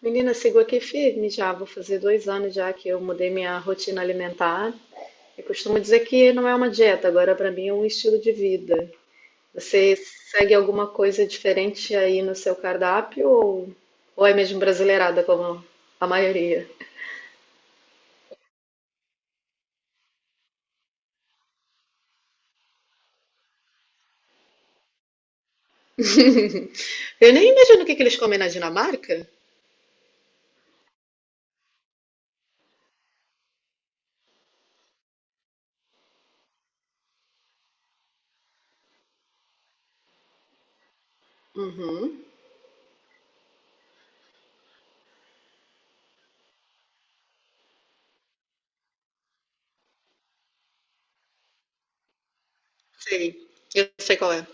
Menina, sigo aqui firme já. Vou fazer 2 anos já que eu mudei minha rotina alimentar. Eu costumo dizer que não é uma dieta, agora para mim é um estilo de vida. Você segue alguma coisa diferente aí no seu cardápio ou é mesmo brasileirada como a maioria? Eu nem imagino o que que eles comem na Dinamarca. Uhum, sei. Eu sei qual é.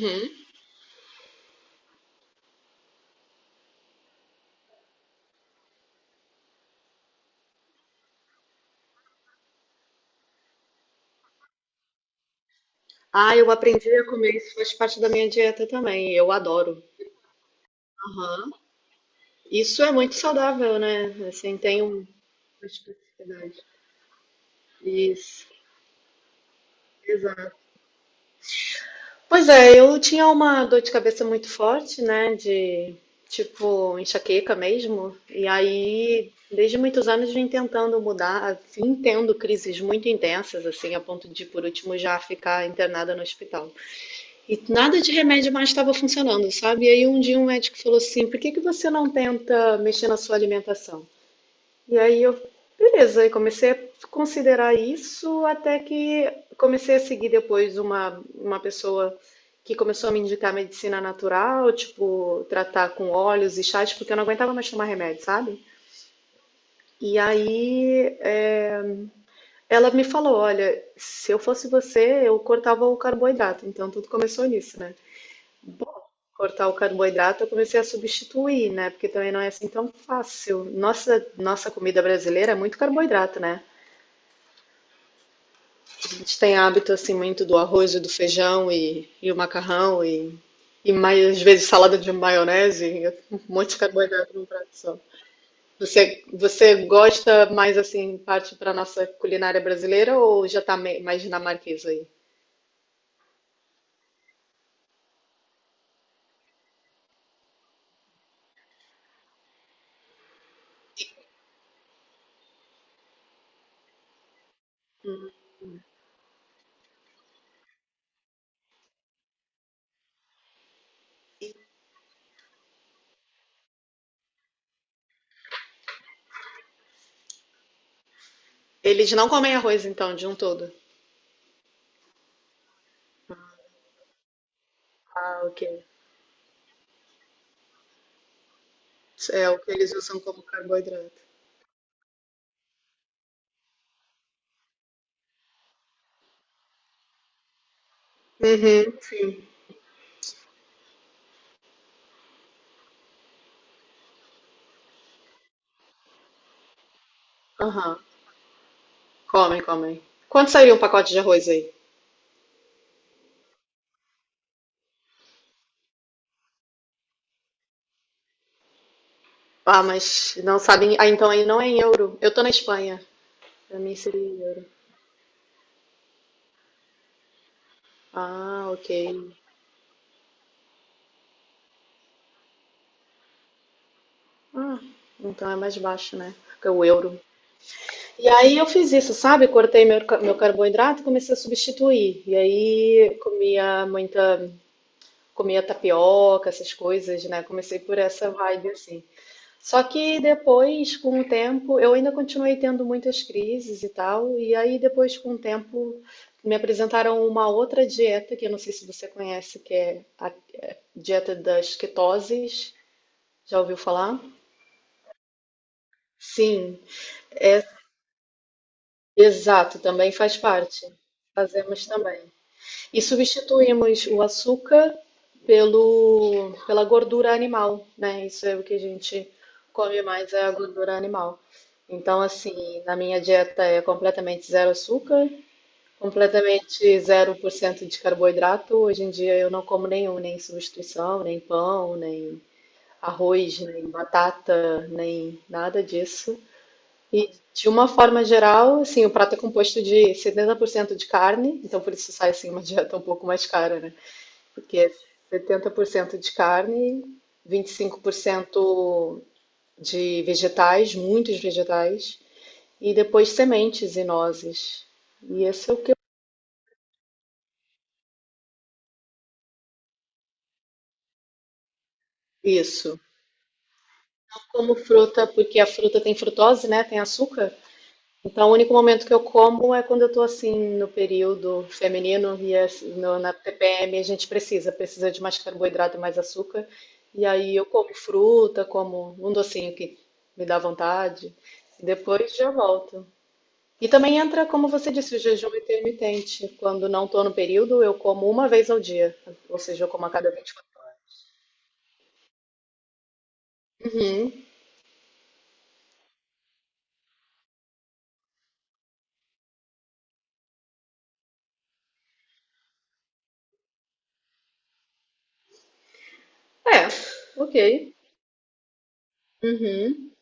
Uhum. Ah, eu aprendi a comer, isso faz parte da minha dieta também. Eu adoro. Aham. Isso é muito saudável, né? Assim, tem um. Especificidade. Isso, exato. Pois é, eu tinha uma dor de cabeça muito forte, né? De tipo enxaqueca mesmo. E aí, desde muitos anos, vim tentando mudar, assim, tendo crises muito intensas, assim, a ponto de, por último, já ficar internada no hospital. E nada de remédio mais estava funcionando, sabe? E aí, um dia, um médico falou assim: por que que você não tenta mexer na sua alimentação? E aí eu, beleza, eu comecei a considerar isso até que comecei a seguir depois uma pessoa que começou a me indicar medicina natural, tipo, tratar com óleos e chás, porque eu não aguentava mais tomar remédio, sabe? E aí é, ela me falou, olha, se eu fosse você, eu cortava o carboidrato. Então tudo começou nisso, né? Bom, cortar o carboidrato eu comecei a substituir, né? Porque também não é assim tão fácil. Nossa, nossa comida brasileira é muito carboidrato, né? A gente tem hábito assim muito do arroz e do feijão e o macarrão e mais às vezes salada de maionese, um monte de carboidrato num prato só. Você gosta mais assim, parte para nossa culinária brasileira ou já tá mais dinamarquesa aí? Eles não comem arroz então, de um todo. Ah, ok. É o que eles usam como carboidrato. Uhum. Aham. Comem, comem. Quanto sairia um pacote de arroz aí? Ah, mas não sabem. Ah, então aí não é em euro. Eu tô na Espanha. Pra mim seria em euro. Ah, ok. Ah, então é mais baixo, né? Que o euro. E aí eu fiz isso, sabe? Cortei meu, meu carboidrato e comecei a substituir. E aí comia tapioca, essas coisas, né? Comecei por essa vibe assim. Só que depois, com o tempo, eu ainda continuei tendo muitas crises e tal. E aí depois, com o tempo, me apresentaram uma outra dieta que eu não sei se você conhece, que é a dieta das ketoses. Já ouviu falar? Sim. É, exato, também faz parte. Fazemos também. E substituímos o açúcar pela gordura animal, né? Isso é o que a gente come mais, é a gordura animal. Então, assim, na minha dieta é completamente zero açúcar, completamente zero por cento de carboidrato. Hoje em dia eu não como nenhum, nem substituição, nem pão, nem arroz, nem batata, nem nada disso. E de uma forma geral, assim, o prato é composto de 70% de carne, então por isso sai assim uma dieta um pouco mais cara, né? Porque é 70% de carne, 25% de vegetais, muitos vegetais, e depois sementes e nozes. E esse é o que eu isso. Como fruta, porque a fruta tem frutose, né? Tem açúcar. Então, o único momento que eu como é quando eu estou assim no período feminino e na TPM a gente precisa, precisa de mais carboidrato e mais açúcar. E aí eu como fruta, como um docinho que me dá vontade. E depois já volto. E também entra, como você disse, o jejum intermitente. Quando não estou no período, eu como uma vez ao dia. Ou seja, eu como a cada 24. Uhum. É, ok. Uhum.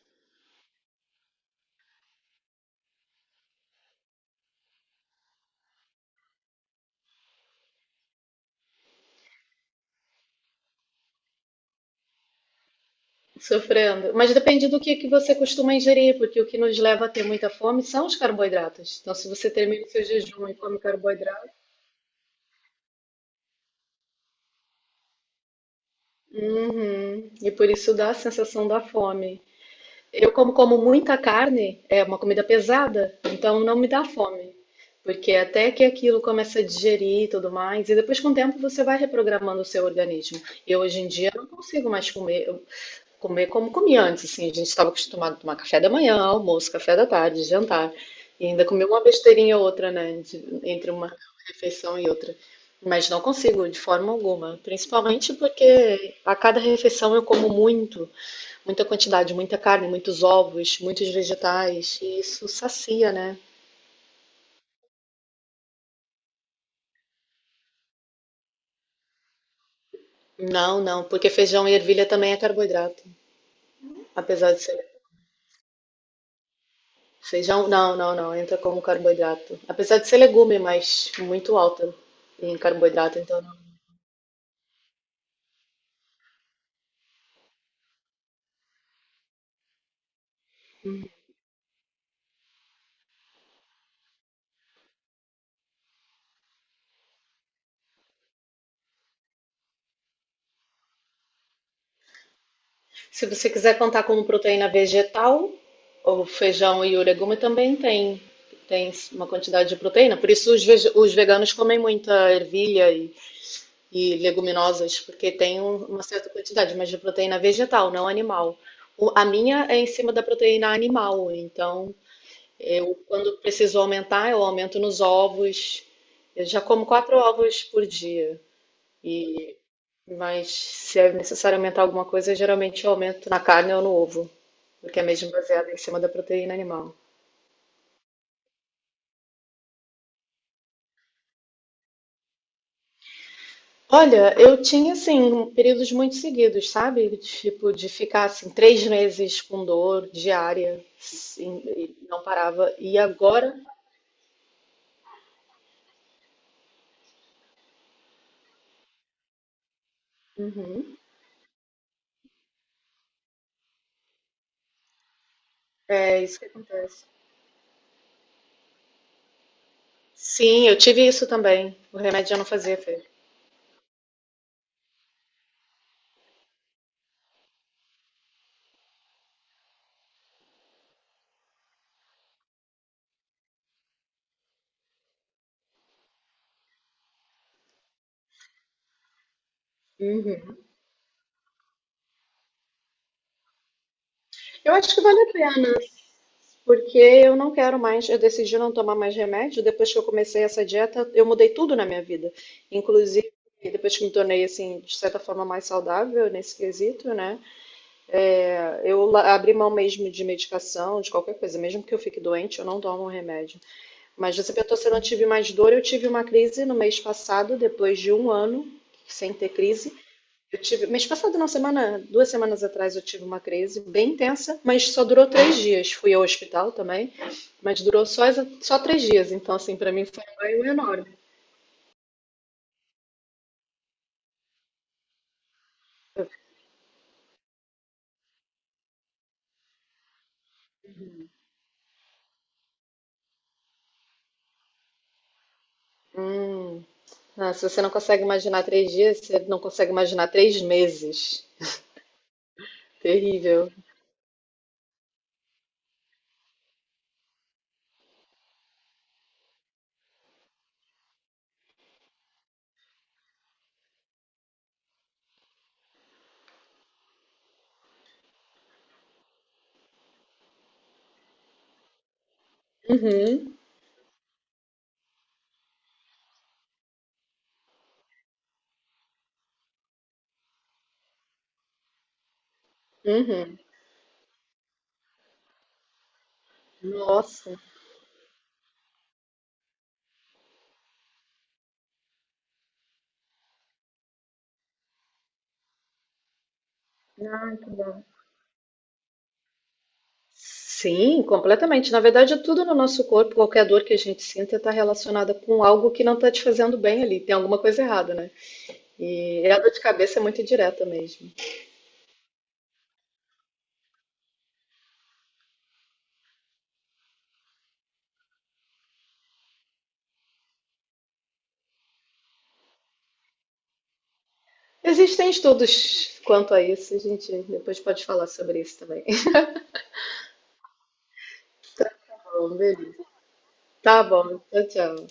Sofrendo. Mas depende que você costuma ingerir, porque o que nos leva a ter muita fome são os carboidratos. Então, se você termina o seu jejum e come carboidrato, uhum, e por isso dá a sensação da fome. Eu, como muita carne, é uma comida pesada, então não me dá fome. Porque até que aquilo começa a digerir e tudo mais, e depois com o tempo você vai reprogramando o seu organismo. Eu hoje em dia não consigo mais comer, comer como comia antes, assim, a gente estava acostumado a tomar café da manhã, almoço, café da tarde, jantar, e ainda comer uma besteirinha ou outra, né, de- entre uma refeição e outra. Mas não consigo de forma alguma, principalmente porque a cada refeição eu muita quantidade, muita carne, muitos ovos, muitos vegetais, e isso sacia, né? Não, não, porque feijão e ervilha também é carboidrato, apesar de ser feijão, não, entra como carboidrato. Apesar de ser legume, mas muito alta em carboidrato, então não. Se você quiser contar como proteína vegetal, o feijão e o legume também tem uma quantidade de proteína. Por isso os, os veganos comem muita ervilha e leguminosas, porque tem uma certa quantidade, mas de proteína vegetal, não animal. A minha é em cima da proteína animal, então eu, quando preciso aumentar, eu aumento nos ovos. Eu já como 4 ovos por dia. E, mas se é necessário aumentar alguma coisa, eu geralmente aumento na carne ou no ovo, porque é mesmo baseado em cima da proteína animal. Olha, eu tinha assim períodos muito seguidos, sabe? Tipo de ficar assim 3 meses com dor diária, sim, e não parava. E agora, uhum, é isso que acontece. Sim, eu tive isso também. O remédio já não fazia efeito. Uhum. Eu acho que vale a pena, porque eu não quero mais, eu decidi não tomar mais remédio. Depois que eu comecei essa dieta, eu mudei tudo na minha vida. Inclusive, depois que me tornei, assim, de certa forma mais saudável nesse quesito, né? Eu abri mão mesmo de medicação, de qualquer coisa. Mesmo que eu fique doente, eu não tomo remédio. Mas você perguntou se eu não tive mais dor. Eu tive uma crise no mês passado, depois de 1 ano sem ter crise. Eu tive, mês passado, não, semana, 2 semanas atrás eu tive uma crise bem intensa, mas só durou 3 dias. Fui ao hospital também, mas durou só, só 3 dias. Então, assim, pra mim foi um ganho enorme. Hum. Ah, se você não consegue imaginar 3 dias, você não consegue imaginar 3 meses. Terrível. Uhum, uhum. Nossa. Ai, que bom. Sim, completamente. Na verdade, tudo no nosso corpo, qualquer dor que a gente sinta, está relacionada com algo que não está te fazendo bem ali. Tem alguma coisa errada, né? E a dor de cabeça é muito indireta mesmo. Existem estudos quanto a isso, a gente depois pode falar sobre isso também. Tá bom, beleza. Tá bom, tchau, tchau.